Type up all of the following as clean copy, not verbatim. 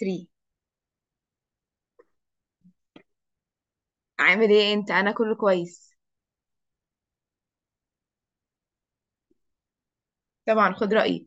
3 عامل ايه انت؟ انا كله كويس. طبعا خد رأيي.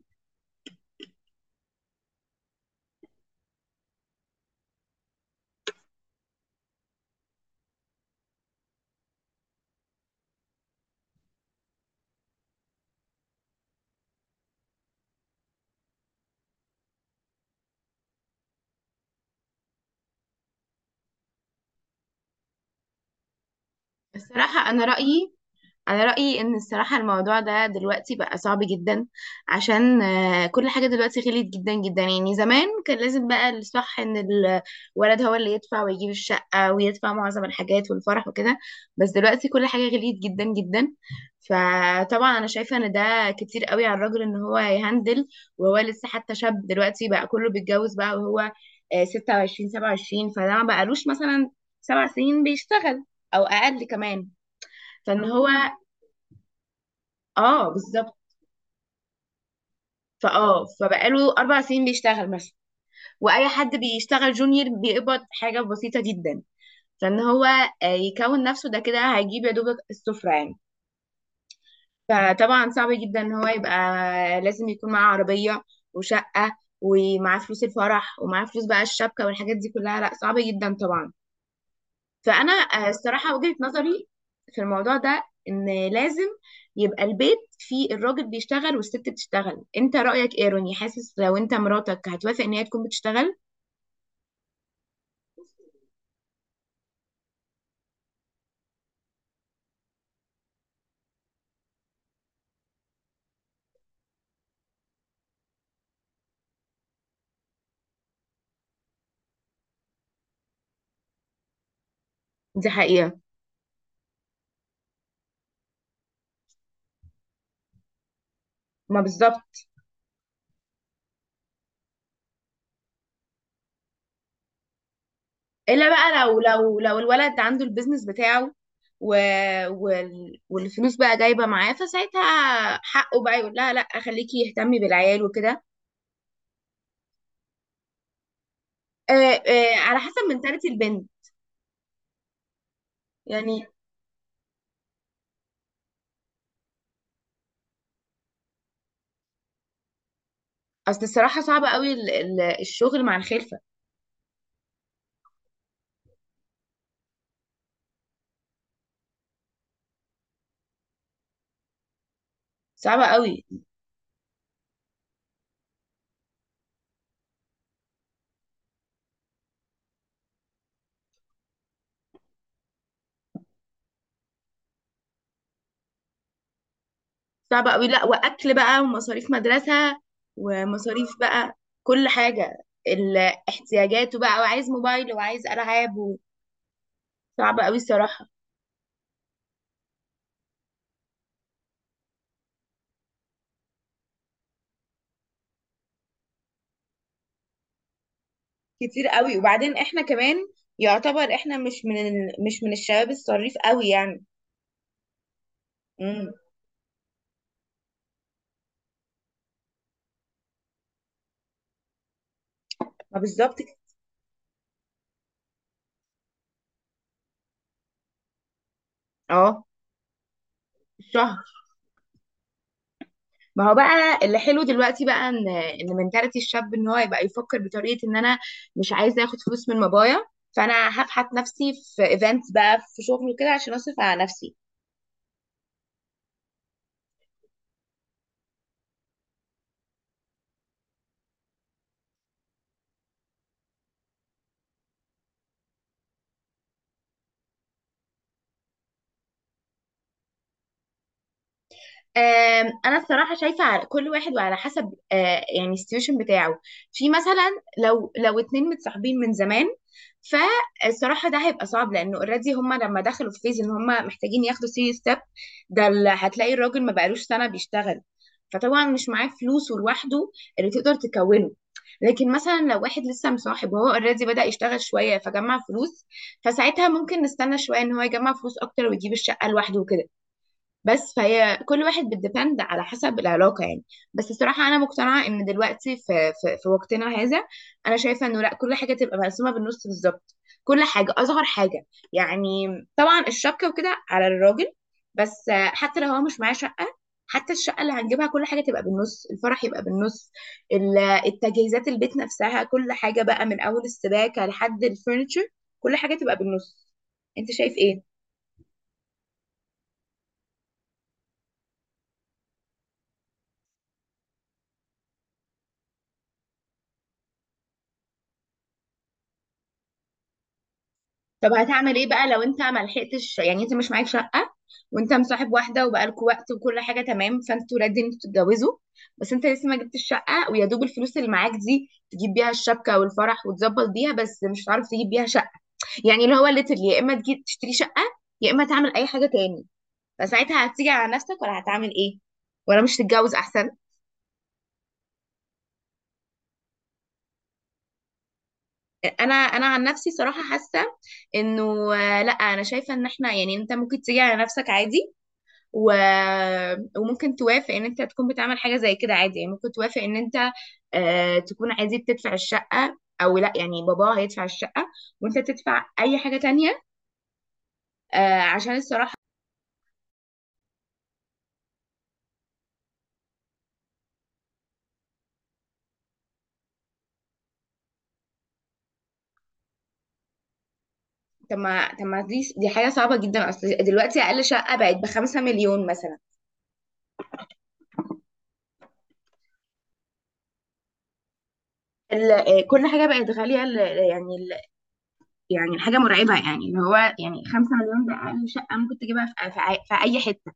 الصراحة، انا رايي ان الصراحه الموضوع ده دلوقتي بقى صعب جدا. عشان كل حاجه دلوقتي غليت جدا جدا. يعني زمان كان لازم بقى الصح ان الولد هو اللي يدفع ويجيب الشقه ويدفع معظم الحاجات والفرح وكده. بس دلوقتي كل حاجه غليت جدا جدا. فطبعا انا شايفه ان ده كتير قوي على الراجل ان هو يهندل، وهو لسه حتى شاب. دلوقتي بقى كله بيتجوز بقى، وهو 26 27. فده ما بقالوش مثلا 7 سنين بيشتغل، او اقل كمان. فان هو اه بالظبط. فبقاله 4 سنين بيشتغل مثلا. واي حد بيشتغل جونيور بيقبض حاجه بسيطه جدا. فان هو يكون نفسه ده كده هيجيب يا دوبك السفره يعني. فطبعا صعب جدا ان هو يبقى لازم يكون معاه عربيه وشقه، ومعاه فلوس الفرح، ومعاه فلوس بقى الشبكه والحاجات دي كلها. لا، صعب جدا طبعا. فانا الصراحه وجهه نظري في الموضوع ده ان لازم يبقى البيت فيه الراجل بيشتغل والست بتشتغل. انت رايك ايه روني؟ حاسس لو انت مراتك هتوافق ان هي تكون بتشتغل؟ دي حقيقه. ما بالظبط. الا بقى لو الولد عنده البيزنس بتاعه، و... والفلوس بقى جايبه معاه، فساعتها حقه بقى يقول لها لا، خليكي يهتمي بالعيال وكده. آه، على حسب منتاليتي البنت يعني. اصل الصراحه صعبه قوي الشغل مع الخلفه. صعبه قوي. صعب قوي، لا، واكل بقى، ومصاريف مدرسه، ومصاريف بقى كل حاجه. احتياجاته بقى، وعايز موبايل، وعايز العاب صعب قوي الصراحه. كتير قوي، وبعدين احنا كمان يعتبر احنا مش من مش من الشباب الصريف قوي يعني. امم. ما بالظبط كده. اه، الشهر. ما هو بقى اللي حلو دلوقتي بقى ان منتاليتي الشاب ان هو يبقى يفكر بطريقه ان انا مش عايزه اخد فلوس من بابايا. فانا هبحث نفسي في ايفنتس بقى، في شغل وكده، عشان اصرف على نفسي. انا الصراحه شايفه على كل واحد وعلى حسب يعني السيتويشن بتاعه. في مثلا لو اتنين متصاحبين من زمان. فالصراحه ده هيبقى صعب لانه اوريدي هم لما دخلوا في فيز ان هم محتاجين ياخدوا سيريس ستيب. ده اللي هتلاقي الراجل ما بقالوش سنه بيشتغل، فطبعا مش معاه فلوس ولوحده اللي تقدر تكونه. لكن مثلا لو واحد لسه مصاحب وهو اوريدي بدأ يشتغل شويه فجمع فلوس، فساعتها ممكن نستنى شويه ان هو يجمع فلوس اكتر ويجيب الشقه لوحده وكده. بس فهي كل واحد بتديبند على حسب العلاقة يعني. بس الصراحة أنا مقتنعة إن دلوقتي في وقتنا هذا. أنا شايفة إنه لأ، كل حاجة تبقى مقسومة بالنص بالظبط. كل حاجة، أصغر حاجة يعني. طبعا الشبكة وكده على الراجل، بس حتى لو هو مش معاه شقة. حتى الشقة اللي هنجيبها كل حاجة تبقى بالنص، الفرح يبقى بالنص. ال- التجهيزات البيت نفسها، كل حاجة بقى من أول السباكة لحد الفurniture، كل حاجة تبقى بالنص. أنت شايف إيه؟ طب هتعمل ايه بقى لو انت ما لحقتش؟ يعني انت مش معاك شقه وانت مصاحب واحده وبقالكوا وقت وكل حاجه تمام، فانتوا رادين انتوا تتجوزوا، بس انت لسه ما جبتش شقه، ويا دوب الفلوس اللي معاك دي تجيب بيها الشبكه والفرح وتظبط بيها، بس مش هتعرف تجيب بيها شقه. يعني اللي هو ليترلي يا اما تجيب تشتري شقه، يا اما تعمل اي حاجه تاني. فساعتها هتيجي على نفسك ولا هتعمل ايه؟ ولا مش تتجوز احسن؟ انا عن نفسي صراحه حاسه انه لا، انا شايفه ان احنا، يعني انت ممكن تيجي على نفسك عادي، و... وممكن توافق ان انت تكون بتعمل حاجه زي كده عادي. يعني ممكن توافق ان انت تكون عادي بتدفع الشقه او لا، يعني بابا هيدفع الشقه وانت تدفع اي حاجه تانية. عشان الصراحه. طب ما دي حاجه صعبه جدا، اصل دلوقتي اقل شقه بقت بـ5 مليون مثلا. ال... آه، كل حاجه بقت غاليه يعني يعني الحاجه مرعبه. يعني اللي هو يعني 5 مليون ده اقل شقه ممكن تجيبها في اي حته.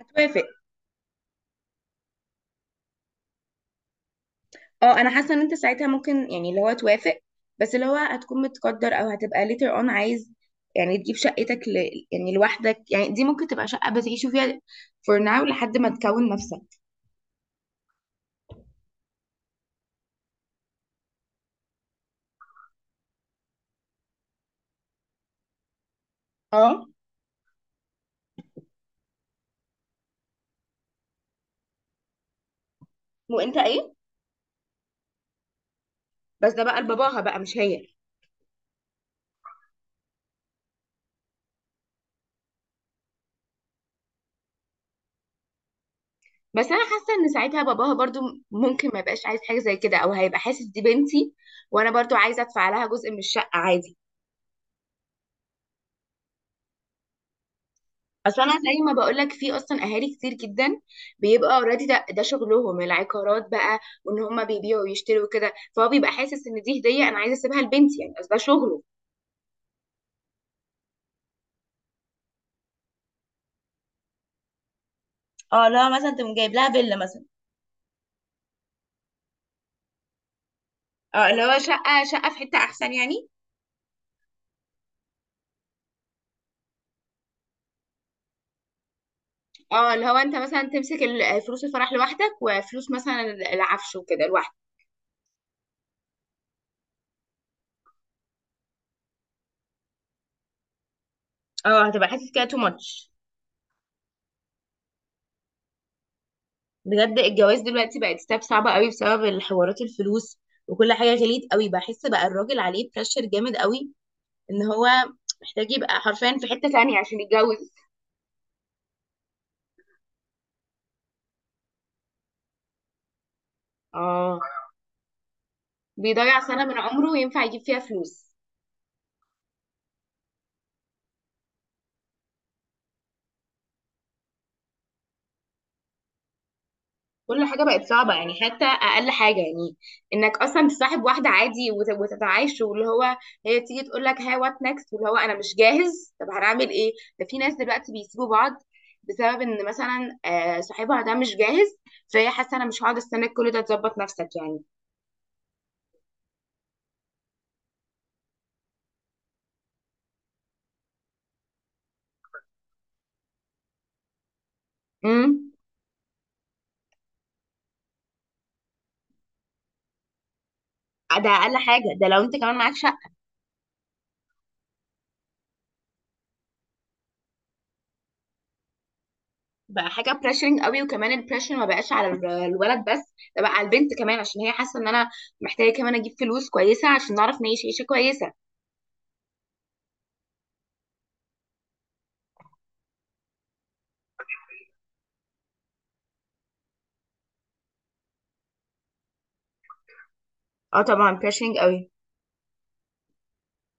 هتوافق. اه، انا حاسه ان انت ساعتها ممكن، يعني اللي هو توافق، بس اللي هو هتكون متقدر او هتبقى later on عايز يعني تجيب شقتك يعني لوحدك. يعني دي ممكن تبقى شقه بتعيشوا فيها for now لحد ما تكون نفسك. اه، وانت ايه. بس ده بقى لباباها بقى مش هي. بس انا حاسه ان ساعتها باباها برضو ممكن ما يبقاش عايز حاجه زي كده، او هيبقى حاسس دي بنتي وانا برضو عايزه ادفع لها جزء من الشقه عادي. اصل انا زي ما بقول لك، في اصلا اهالي كتير جدا بيبقى اوريدي ده شغلهم العقارات بقى، وان هم بيبيعوا ويشتروا وكده، فهو بيبقى حاسس ان دي هديه انا عايزه اسيبها لبنتي يعني، اصل ده شغله. اه لو مثلا تقوم جايب لها فيلا مثلا. اه اللي هو شقه في حته احسن يعني. اه اللي هو انت مثلا تمسك فلوس الفرح لوحدك، وفلوس مثلا العفش وكده لوحدك. اه هتبقى حاسس كده تو ماتش. بجد الجواز دلوقتي بقت ستاب صعبه قوي بسبب الحوارات، الفلوس، وكل حاجه غليت قوي. بحس بقى الراجل عليه بريشر جامد قوي ان هو محتاج يبقى حرفيا في حتة تانية عشان يتجوز. اه، بيضيع سنة من عمره ينفع يجيب فيها فلوس. كل حاجة بقت صعبة يعني، حتى أقل حاجة يعني. إنك أصلا تصاحب واحدة عادي وتتعايش، واللي هو هي تيجي تقول لك هاي وات نكست، واللي هو أنا مش جاهز، طب هنعمل إيه؟ ده في ناس دلوقتي بيسيبوا بعض بسبب إن مثلا صاحبها ده مش جاهز، فهي حاسة أنا مش هقعد أستناك كل ده، تظبط نفسك يعني. امم. ده أقل حاجة، ده لو أنت كمان معكش. بقى حاجه بريشرنج قوي، وكمان البريشر ما بقاش على الولد بس، ده بقى على البنت كمان عشان هي حاسه ان انا محتاجه كمان اجيب فلوس كويسه عشان نعرف نعيش عيشه كويسه. اه طبعا بريشرنج قوي.